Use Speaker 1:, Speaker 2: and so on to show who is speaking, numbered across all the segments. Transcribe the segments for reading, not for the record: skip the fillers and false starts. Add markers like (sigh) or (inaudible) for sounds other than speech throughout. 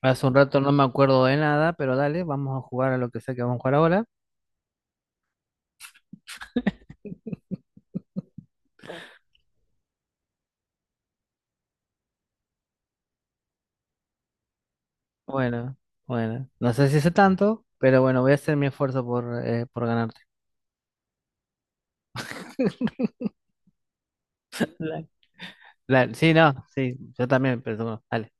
Speaker 1: Hace un rato no me acuerdo de nada, pero dale, vamos a jugar a lo que sea que vamos a jugar ahora. Bueno, bueno, no sé si sé tanto, pero bueno, voy a hacer mi esfuerzo por ganarte. La- sí, no, sí, yo también, pero bueno, dale.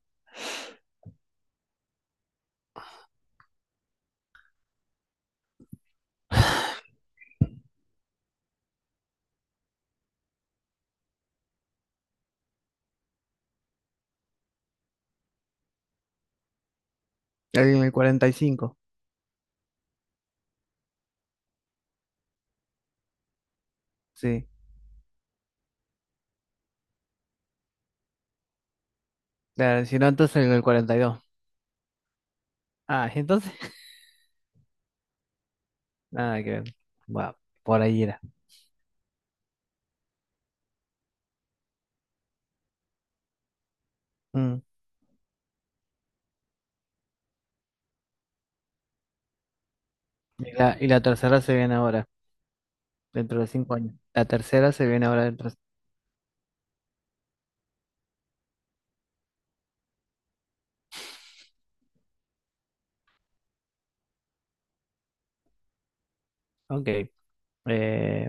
Speaker 1: En el 45. Sí. Claro, si no, entonces en el 42. Ah, ¿y entonces? (laughs) Nada que ver. Guau, por ahí era. Mm. Y la tercera se viene ahora, dentro de 5 años. La tercera se viene ahora dentro de... Ok. Eh,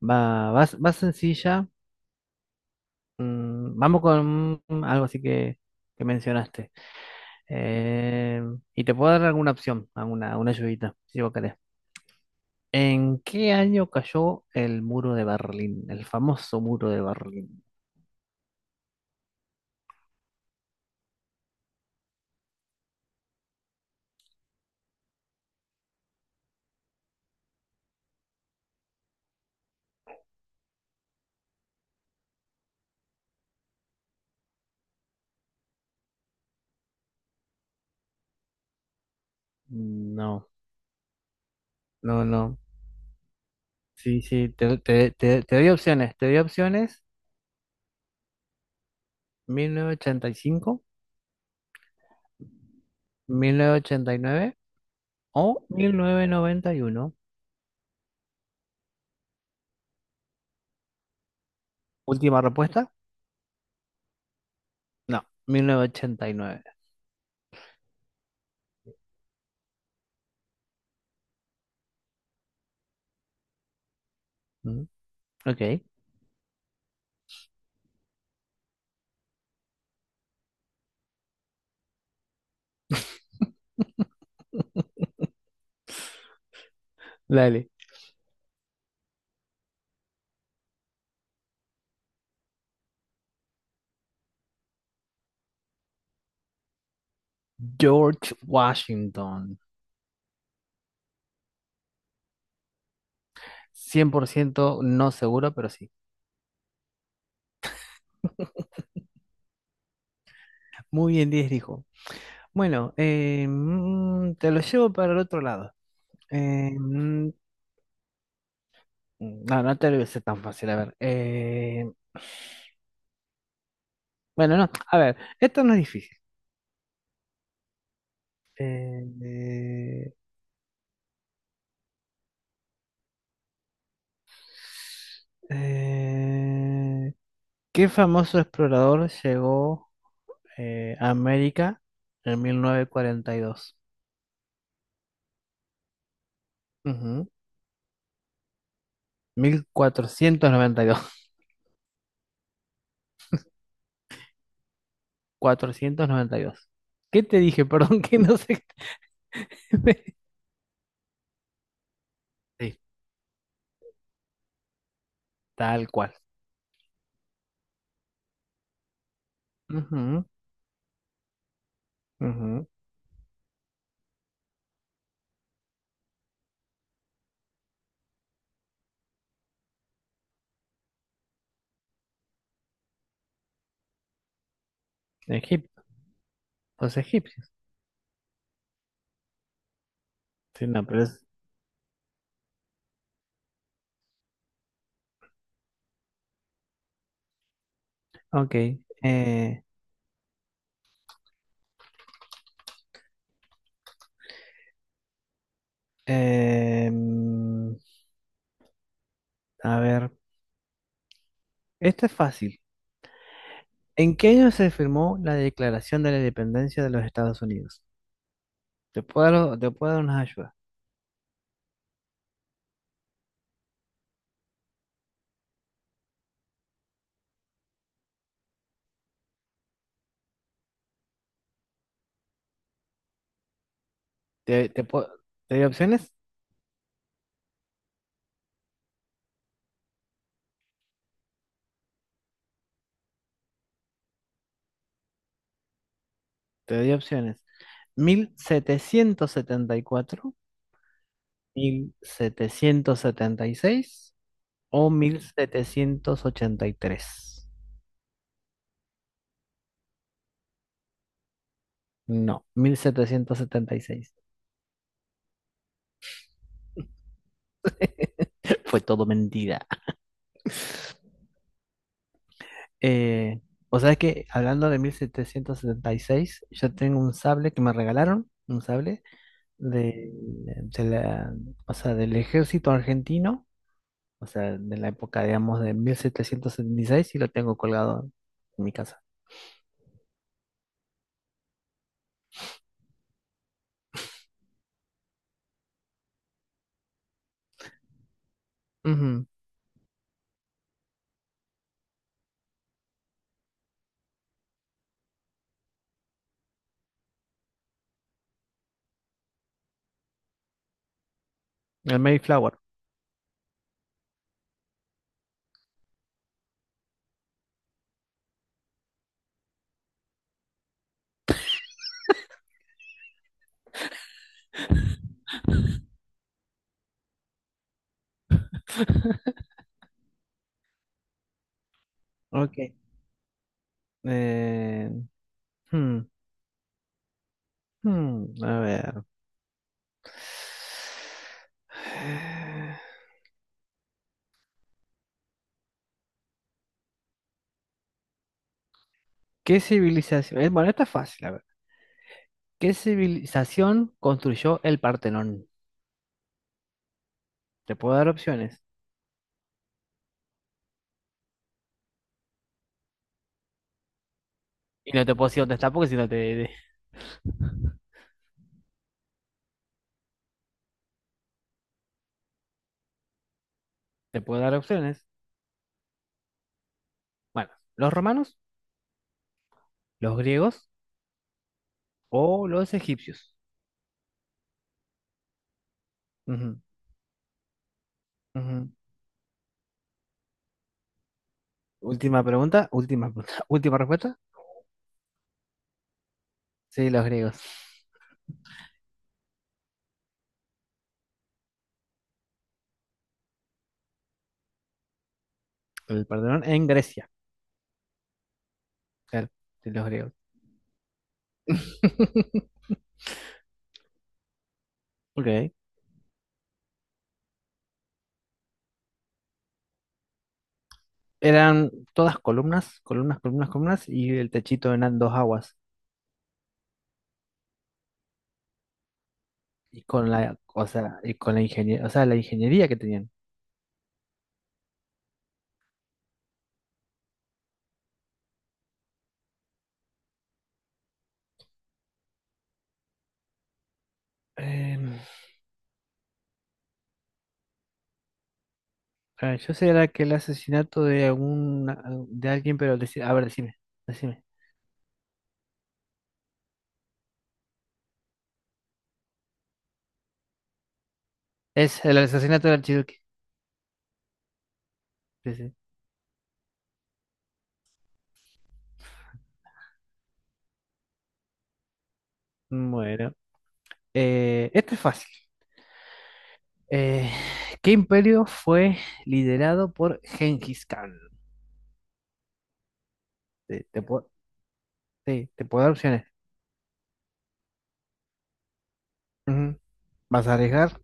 Speaker 1: va sencilla. Vamos con algo así que mencionaste. Eh, y te puedo dar alguna opción, una ayudita, si vos querés. ¿En qué año cayó el muro de Berlín? El famoso muro de Berlín. No, no, no. Sí, sí, te doy opciones. Te doy opciones. Mil novecientos ochenta y cinco, 1989 o 1991. Última respuesta. No, 1989. Ok. Dale. George Washington. 100% no seguro, pero sí. Muy bien, 10 dijo. Bueno, te lo llevo para el otro lado. Eh, mm, no, no te lo hice tan fácil, a ver. Bueno, no, a ver, esto no es difícil. Eh, eh, eh, ¿Qué famoso explorador llegó a América en 1942? Ujú, 1492. 492. ¿Qué te dije? (laughs) Perdón, que no sé. (laughs) Sí, tal cual. Ujú, ujú. Egipto, los egipcios. Sí, no, pero es... Ok. eh, em, a ver, esto es fácil. ¿En qué año se firmó la Declaración de la Independencia de los Estados Unidos? Te puedo dar unas ayudas. ¿Te, te puedo- Te doy opciones? Te doy opciones. 1774, 1776 o 1783. No, 1776. Fue todo mentira. (laughs) Eh, o sea es que hablando de 1776 yo tengo un sable que me regalaron, un sable de la, o sea, del ejército argentino, o sea, de la época, digamos, de 1776 y seis, y lo tengo colgado en mi casa. Ujú. El Mayflower. Ok. Eh, hmm, a ver. ¿Qué civilización? Bueno, esta es fácil, a ver. ¿Qué civilización construyó el Partenón? Te puedo dar opciones. Y no te puedo decir dónde está porque si no te, (laughs) te puedo dar opciones. Bueno, ¿los romanos, los griegos o los egipcios? Ujú, ujú. Última pregunta, (laughs) última respuesta. Sí, los griegos. El Partenón en Grecia. Claro, sí, los griegos. (laughs) Ok. Eran todas columnas, columnas, columnas, columnas, y el techito eran dos aguas. Y con la, o sea, y con la ingeniería, o sea, la ingeniería que tenían. Em, a ver, yo sé era que el asesinato de algún, de alguien, pero a ver, decime, decime. Es el asesinato del archiduque. Sí, sí. Bueno, este es fácil. Eh, ¿Qué imperio fue liderado por Genghis Khan? Te, te puedo, sí, te puedo dar opciones. Ujú. ¿Vas a arriesgar?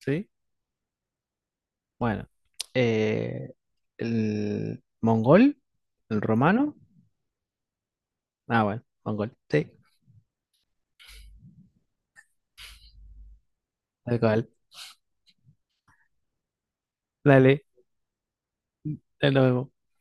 Speaker 1: Sí. Bueno, eh, el mongol, el romano. Ah, bueno, mongol, sí, tal cual. Dale, nos vemos.